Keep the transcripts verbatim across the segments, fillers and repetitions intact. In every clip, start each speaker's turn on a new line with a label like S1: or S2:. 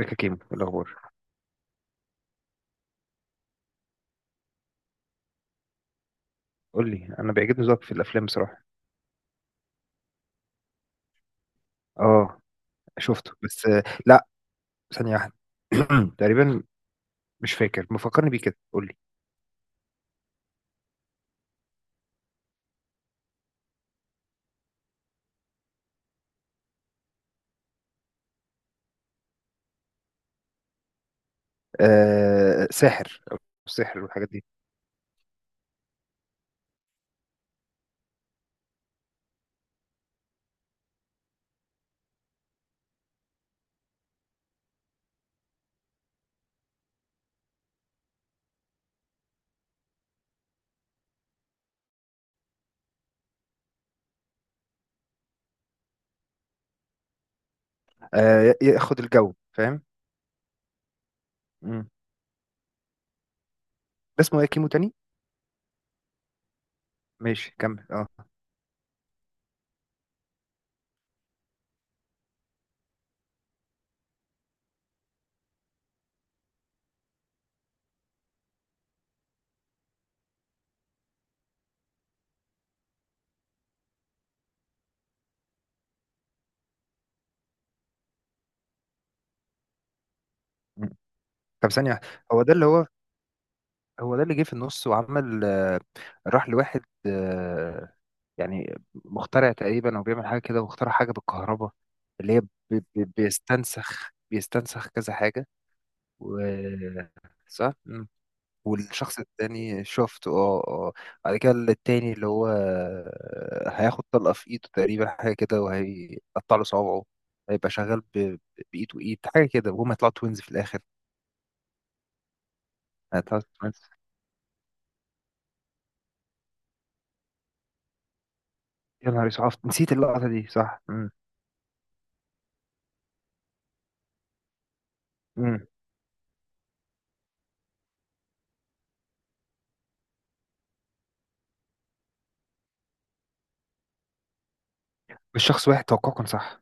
S1: ريكا كيمو، إيه الاخبار؟ قول لي، انا بيعجبني ذوقك في الافلام بصراحه. اه. شفته، بس آه، لا. ثانيه واحده. تقريبا. مش فاكر، مفكرني بيه كده، قول لي. آه، ساحر او السحر والحاجات دي. آه، ي- ياخد الجو، فاهم. مم. ده اسمه ايه كيمو تاني؟ ماشي، كمل، اه. مم. طب ثانيه واحده، هو ده اللي هو هو ده اللي جه في النص وعمل آه، راح لواحد، آه، يعني مخترع تقريبا او بيعمل حاجه كده، واخترع حاجه بالكهرباء اللي هي ب- ب- بيستنسخ بيستنسخ كذا حاجه و صح. مم. والشخص التاني شفته، اه اه. بعد كده التاني اللي هو آه، هياخد طلقه في ايده تقريبا، حاجه كده، وهيقطع له صوابعه. هيبقى شغال ب- ب- بايد وايد، حاجه كده، وهما يطلعوا توينز في الاخر. هيطلعوا توينز. يا نهار اسود، عرفت- نسيت اللقطه دي، صح. مم. مم. مش شخص واحد، توقعه كان صح.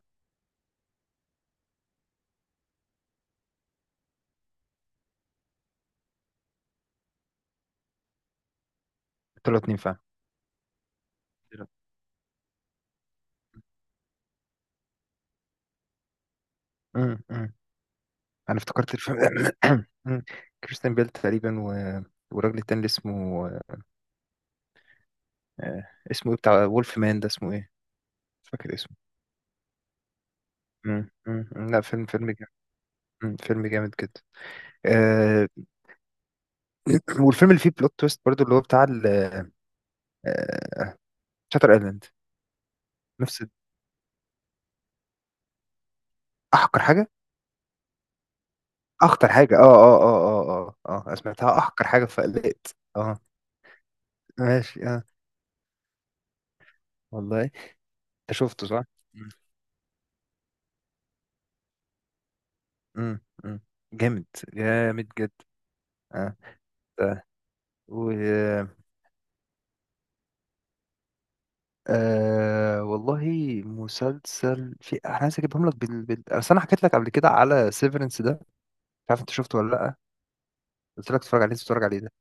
S1: طلعوا اتنين فعلا. امم، أمم. انا افتكرت الفيلم ده. أمم. كريستيان بيل تقريبا و... والراجل التاني اللي اسمه آه، اسمه ايه بتاع وولف مان، ده اسمه ايه؟ مش فاكر اسمه. أمم، أمم، أمم. لا، فيلم فيلم جامد. أمم، فيلم جامد جدا. آه، والفيلم اللي فيه بلوت تويست برضو، اللي هو بتاع ال- آه، شاتر ايلاند. نفس احقر حاجه. اخطر حاجه، اه اه اه اه اه اه، أنا سمعتها احقر حاجه فقلقت، اه. ماشي، اه. والله. انت شفته، صح؟ مم. مم. جامد. جامد جدا. اه. آه. و آه، والله. مسلسل في، انا عايز اجيبهم لك بال... بال... اصل انا حكيت لك قبل كده على سيفرنس ده. مش عارف انت شفته ولا لا؟ قلت لك اتفرج عليه، تتفرج عليه ده.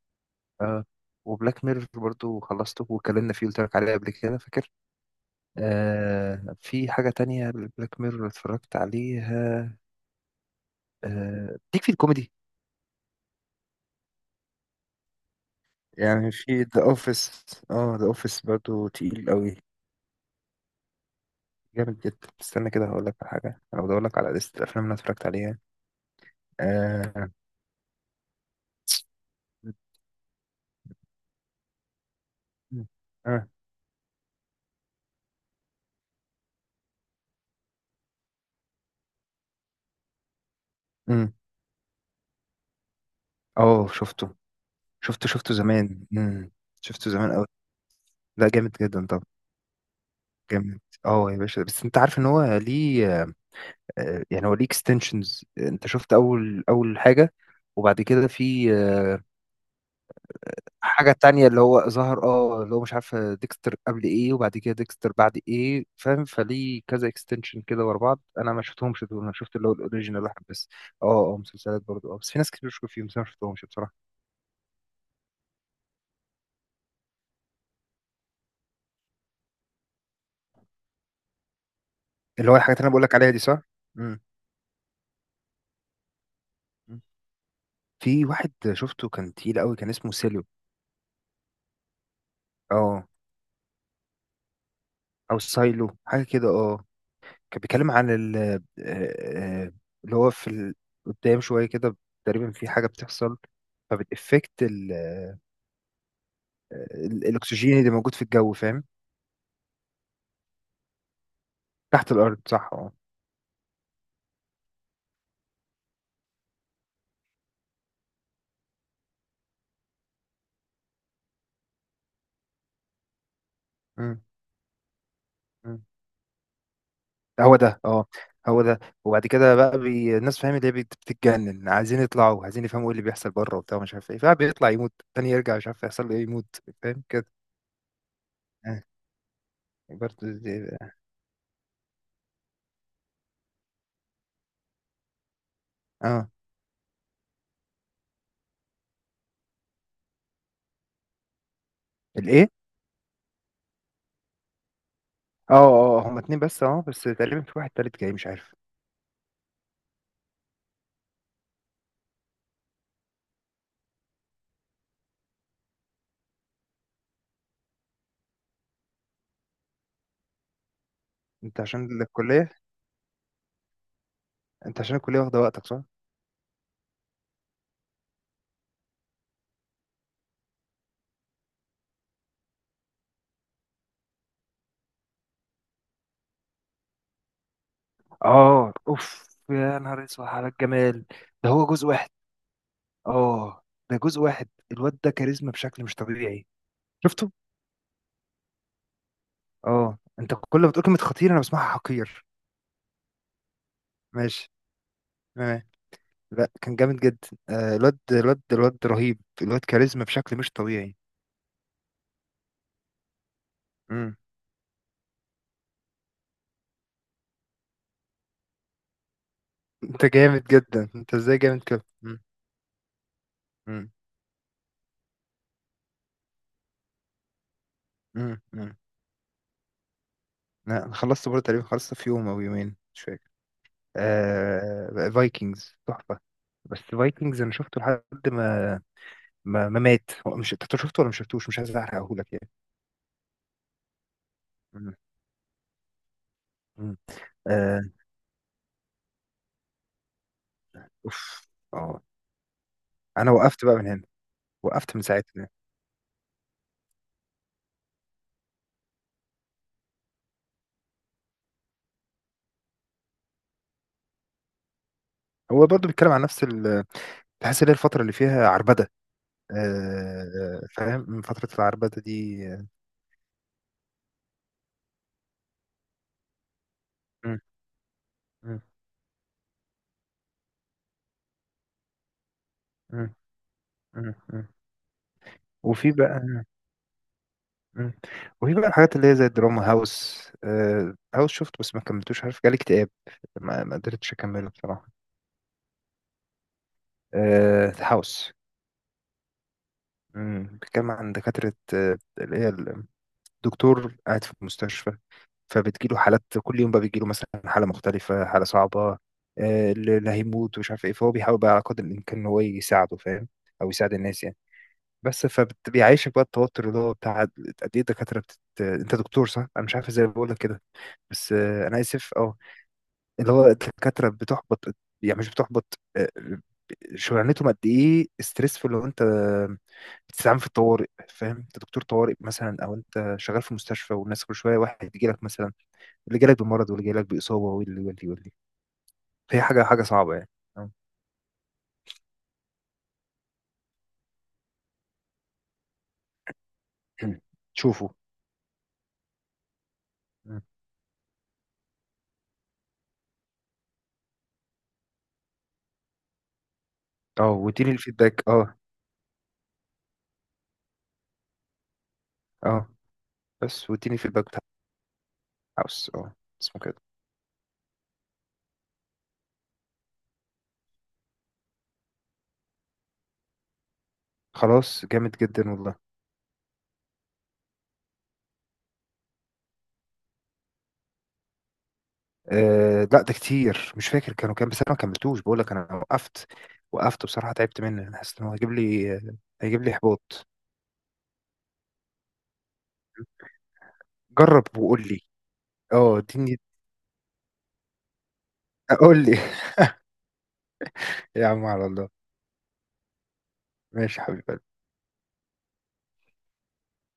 S1: اه. وبلاك ميرور برضو خلصته واتكلمنا فيه، قلت لك عليه قبل كده، فاكر؟ آه، في حاجة تانية. بلاك ميرور اتفرجت عليها. آه، ليك في الكوميدي. يعني في ذا اوفيس. اه، ذا اوفيس برضو تقيل قوي، جامد جدا. استنى كده هقول لك على حاجة، انا بدور لك على لستة الافلام اللي أنا اتفرجت عليها. آه. اه. أمم. أوه، شفته شفته شفته زمان. أمم. شفته زمان قوي. لا، جامد جدا. طب جامد. اه يا باشا، بس انت عارف ان هو ليه آه، يعني هو ليه اكستنشنز، انت شفت اول اول حاجة، وبعد كده في حاجة تانية اللي هو ظهر، اه، اللي هو مش عارف ديكستر قبل ايه وبعد كده ديكستر بعد ايه، فاهم؟ فليه كذا اكستنشن كده ورا بعض. انا ما شفتهمش دول، انا شفت اللي هو الاوريجينال واحد بس. اه اه، مسلسلات برضه، اه، بس في ناس كتير بتشكر فيهم، بس انا ما شفتهمش بصراحة. اللي هو الحاجات اللي انا بقول لك عليها دي، صح؟ امم. في واحد شفته كان تقيل قوي، كان اسمه سيلو. اه. او سايلو، حاجة كده، اه. كان بيتكلم عن ال آه، آه، اللي هو في ال- قدام شوية كده، تقريبا في حاجة بتحصل، فبتأفكت ال- الاكسجين اللي موجود في الجو، فاهم. تحت الارض، صح، اه. مم. مم. هو ده، اه. هو ده، وبعد كده بقى بي... الناس، فاهم، اللي هي بت- بتتجنن، عايزين يطلعوا، عايزين يفهموا ايه اللي بيحصل بره وبتاع، مش عارف ايه، فبيطلع يموت، تاني يرجع، مش عارف يحصل له ايه، يموت، فاهم كده. اه. برضه. دي- اه. الايه؟ اه اه، هما اتنين بس، اه، بس تقريبا في واحد تالت جاي، مش عارف. انت عشان الكلية انت عشان الكلية واخدة وقتك، صح؟ اه. اوف، يا نهار اسود على الجمال. ده هو جزء واحد. اه. ده جزء واحد، الواد ده كاريزما بشكل مش طبيعي. شفته. اه، انت كل ما تقول كلمة خطير انا بسمعها حقير. ماشي. تمام. لا، كان جامد جدا، آه، الواد الواد الواد رهيب، الواد كاريزما بشكل مش طبيعي. مم. انت جامد جدا، انت ازاي جامد كده. مم. مم. مم. مم. لا، انا خلصت برضه تقريبا، خلصت في يوم او يومين، مش فاكر. آه، فايكنجز تحفة. بس فايكنجز انا شفته لحد ما ما, ما مات، هو مش، انت شفته ولا مش شفتوش؟ مش عايز احرقهولك يعني. مم. آه. أوف. أه. أنا وقفت بقى من هنا، وقفت من ساعتها. هو برضو بيتكلم عن نفس ال تحس إن هي الفترة اللي فيها عربدة، آه، فاهم، من فترة العربدة دي. مم، مم، مم، مم، مم. وفي بقى مم. وفي بقى الحاجات اللي هي زي الدراما، هاوس، آه، هاوس شفت بس ما كملتوش، عارف، جالي اكتئاب، ما ما قدرتش أكمله بصراحة. آه، هاوس. مم، بيتكلم عن دكاترة، آه، اللي هي الدكتور قاعد في المستشفى، فبتجيله حالات كل يوم، بقى بيجيله مثلا حالة مختلفة، حالة صعبة، آه، اللي هيموت ومش عارف ايه، فهو بيحاول بقى على قدر الإمكان إن هو يساعده، فاهم، أو يساعد الناس يعني. بس فبيعيشك بقى التوتر اللي هو بتاع قد ايه الدكاترة بتت... انت دكتور صح؟ انا مش عارف ازاي بقول لك كده، بس آه، انا اسف، اه. اللي هو الدكاترة بتحبط، يعني مش بتحبط، آه، شغلانتهم قد ايه ستريسفul، لو انت بتستعمل في الطوارئ، فاهم، انت دكتور طوارئ مثلا، او انت شغال في مستشفى والناس كل شويه واحد يجي لك، مثلا اللي جالك بمرض واللي جالك بإصابة واللي واللي واللي، فهي حاجة حاجة صعبة يعني. آه. شوفوا. مم. اه، واديني الفيدباك، اه. اه، بس واديني الفيدباك بتاع الهاوس، اه، اسمه كده. خلاص، جامد جدا والله. آه لا، ده كتير مش فاكر كانوا كام، بس انا ما كملتوش، بقول لك انا وقفت. وقفت بصراحة، تعبت منه، انا حاسس ان هو هيجيب لي، هيجيب لي احباط. جرب وقول لي. اه، اديني. قول لي. يا عم، على الله. ماشي حبيبي.